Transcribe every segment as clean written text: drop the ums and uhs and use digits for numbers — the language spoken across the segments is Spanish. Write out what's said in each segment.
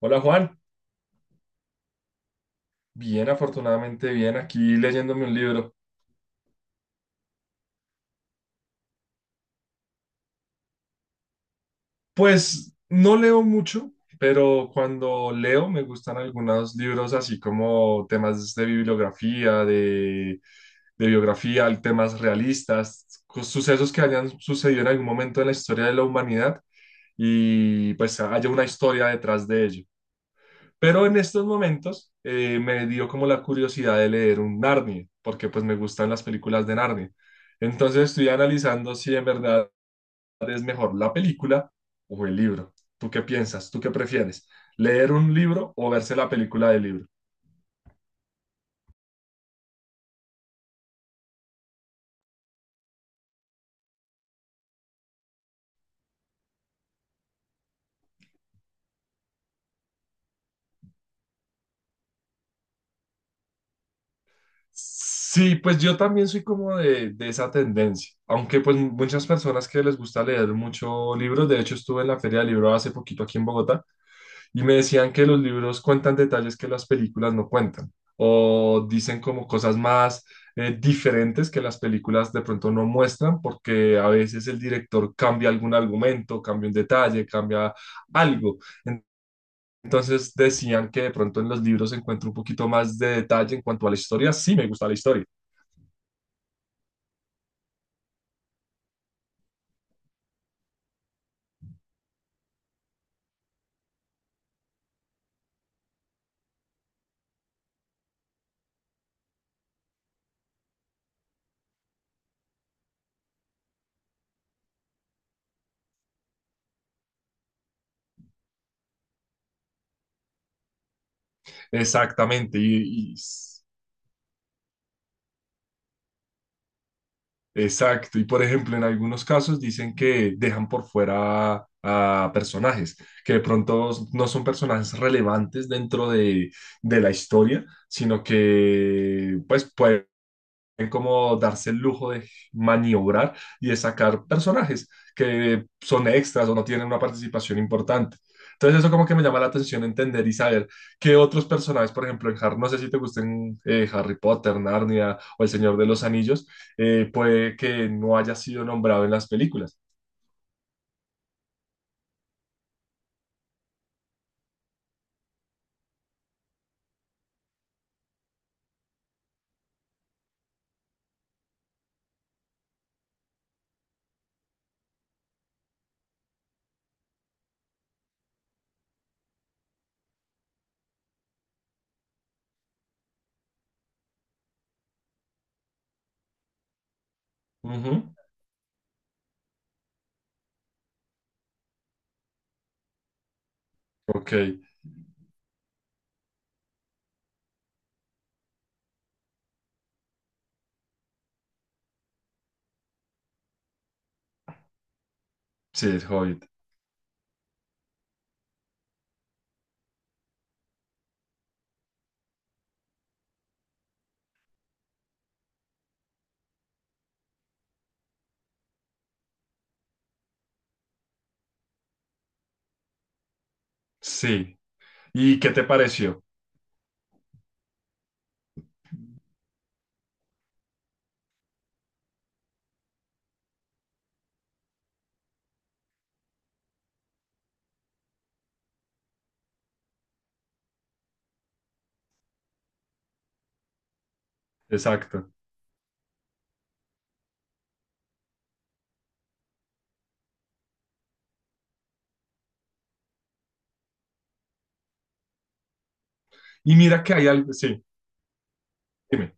Hola Juan, bien, afortunadamente bien, aquí leyéndome un libro. Pues no leo mucho, pero cuando leo me gustan algunos libros así como temas de bibliografía, de biografía, temas realistas, sucesos que hayan sucedido en algún momento en la historia de la humanidad y pues haya una historia detrás de ello. Pero en estos momentos me dio como la curiosidad de leer un Narnia, porque pues me gustan las películas de Narnia. Entonces estoy analizando si en verdad es mejor la película o el libro. ¿Tú qué piensas? ¿Tú qué prefieres? ¿Leer un libro o verse la película del libro? Sí, pues yo también soy como de esa tendencia, aunque pues muchas personas que les gusta leer mucho libros, de hecho estuve en la Feria del Libro hace poquito aquí en Bogotá. Y me decían que los libros cuentan detalles que las películas no cuentan, o dicen como cosas más diferentes que las películas de pronto no muestran, porque a veces el director cambia algún argumento, cambia un detalle, cambia algo. En- Entonces decían que de pronto en los libros se encuentra un poquito más de detalle en cuanto a la historia. Sí, me gusta la historia. Exactamente. Y exacto, y por ejemplo, en algunos casos dicen que dejan por fuera a personajes, que de pronto no son personajes relevantes de la historia, sino que pues pueden en cómo darse el lujo de maniobrar y de sacar personajes que son extras o no tienen una participación importante. Entonces eso como que me llama la atención entender y saber qué otros personajes, por ejemplo, en Harry, no sé si te gusten Harry Potter, Narnia o El Señor de los Anillos, puede que no haya sido nombrado en las películas. Ujú. Ok, sí, es Hobbit. Sí. ¿Y qué te pareció? Exacto. Y mira que hay algo, sí, dime.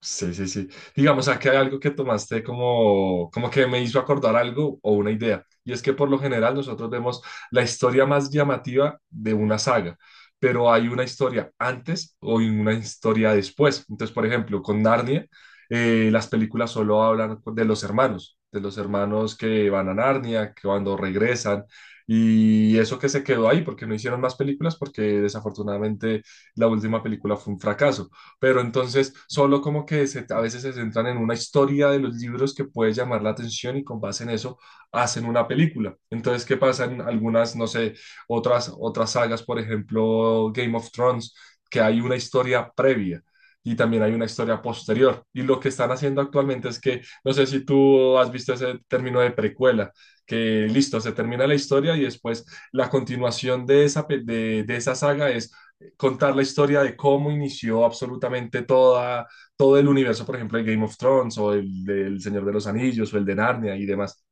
Sí, sí, sí. Digamos, aquí hay algo que tomaste como que me hizo acordar algo o una idea. Y es que por lo general nosotros vemos la historia más llamativa de una saga, pero hay una historia antes o hay una historia después. Entonces, por ejemplo, con Narnia, las películas solo hablan de los hermanos que van a Narnia, que cuando regresan. Y eso que se quedó ahí, porque no hicieron más películas, porque desafortunadamente la última película fue un fracaso, pero entonces solo como que a veces se centran en una historia de los libros que puede llamar la atención y con base en eso hacen una película. Entonces, ¿qué pasa en algunas, no sé, otras sagas, por ejemplo, Game of Thrones, que hay una historia previa? Y también hay una historia posterior. Y lo que están haciendo actualmente es que, no sé si tú has visto ese término de precuela, que listo, se termina la historia y después la continuación de esa, de esa saga es contar la historia de cómo inició absolutamente toda, todo el universo, por ejemplo, el Game of Thrones o el del Señor de los Anillos o el de Narnia y demás.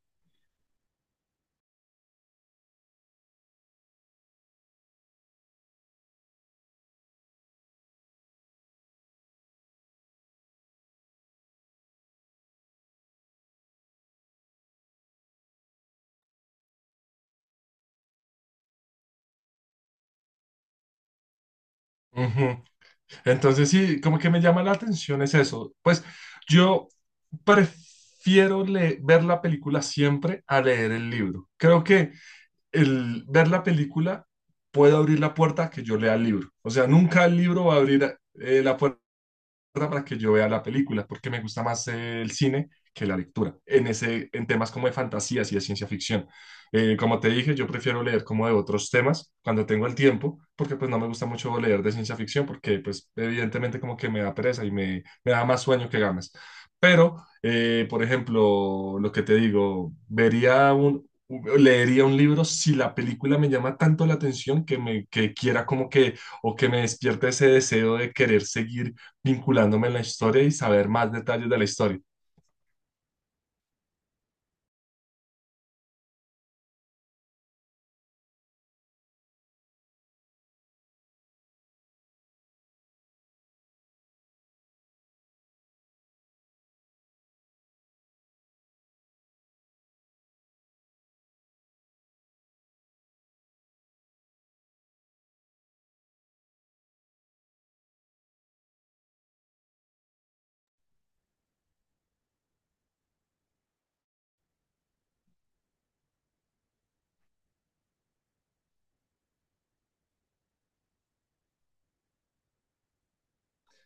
Ujú. Entonces sí, como que me llama la atención es eso. Pues yo prefiero ver la película siempre a leer el libro. Creo que el ver la película puede abrir la puerta a que yo lea el libro. O sea, nunca el libro va a abrir la puerta para que yo vea la película, porque me gusta más el cine que la lectura, en temas como de fantasías y de ciencia ficción. Como te dije, yo prefiero leer como de otros temas cuando tengo el tiempo, porque pues no me gusta mucho leer de ciencia ficción, porque pues evidentemente como que me da pereza y me da más sueño que ganas. Pero, por ejemplo, lo que te digo, leería un libro si la película me llama tanto la atención que me que quiera como que o que me despierte ese deseo de querer seguir vinculándome en la historia y saber más detalles de la historia.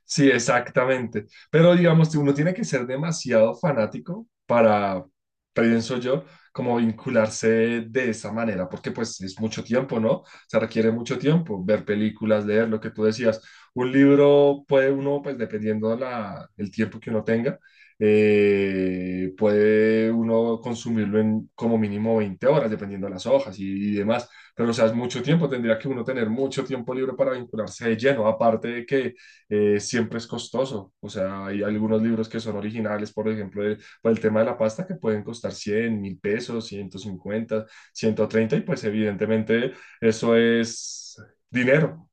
Sí, exactamente. Pero digamos, si uno tiene que ser demasiado fanático para, pienso yo, como vincularse de esa manera, porque pues es mucho tiempo, ¿no? Se requiere mucho tiempo, ver películas, leer lo que tú decías. Un libro puede uno, pues dependiendo de del tiempo que uno tenga, puede uno consumirlo en como mínimo 20 horas, dependiendo de las hojas y demás. Pero o sea, es mucho tiempo, tendría que uno tener mucho tiempo libre para vincularse de lleno, aparte de que siempre es costoso. O sea, hay algunos libros que son originales, por ejemplo, por el tema de la pasta, que pueden costar 100.000 pesos, 150, 130 y pues evidentemente eso es dinero.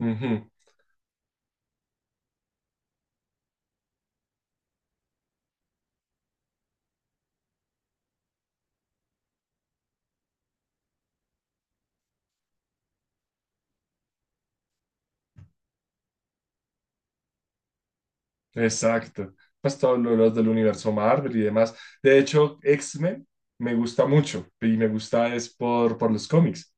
Ujú, exacto. Pues todos los del universo Marvel y demás. De hecho, X-Men me gusta mucho y me gusta es por los cómics.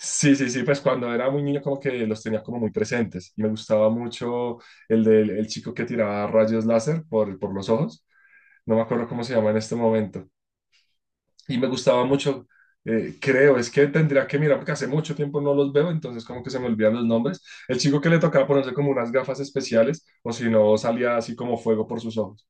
Sí, sí, sí, pues cuando era muy niño como que los tenía como muy presentes. Me gustaba mucho el chico que tiraba rayos láser por los ojos. No me acuerdo cómo se llama en este momento. Y me gustaba mucho, es que tendría que mirar porque hace mucho tiempo no los veo, entonces como que se me olvidan los nombres. El chico que le tocaba ponerse como unas gafas especiales o si no salía así como fuego por sus ojos.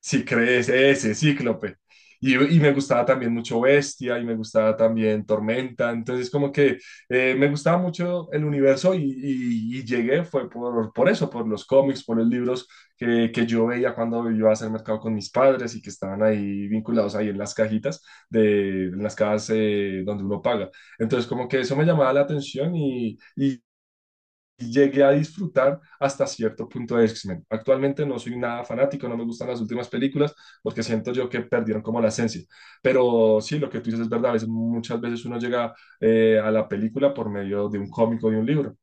Sí, crees, ese, Cíclope. Y me gustaba también mucho Bestia y me gustaba también Tormenta. Entonces, como que me gustaba mucho el universo y llegué fue por eso, por los cómics, por los libros que yo veía cuando yo iba a hacer mercado con mis padres y que estaban ahí vinculados ahí en las cajitas, en las cajas donde uno paga. Entonces, como que eso me llamaba la atención y llegué a disfrutar hasta cierto punto de X-Men. Actualmente no soy nada fanático, no me gustan las últimas películas porque siento yo que perdieron como la esencia. Pero sí, lo que tú dices es verdad, muchas veces uno llega a la película por medio de un cómic o de un libro.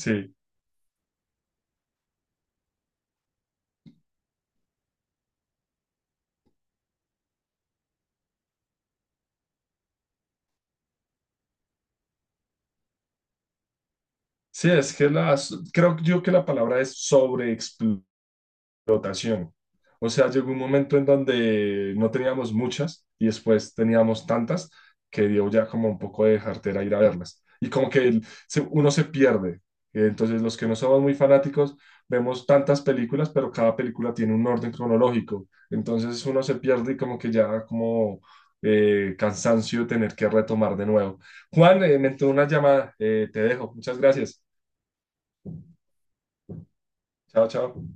Sí, sí, es que las, creo yo que la palabra es sobreexplotar. Rotación. O sea, llegó un momento en donde no teníamos muchas y después teníamos tantas que dio ya como un poco de jartera ir a verlas. Y como que uno se pierde. Entonces, los que no somos muy fanáticos, vemos tantas películas, pero cada película tiene un orden cronológico. Entonces, uno se pierde y como que ya como cansancio tener que retomar de nuevo. Juan, me entró una llamada. Te dejo. Muchas gracias. Chao, chao.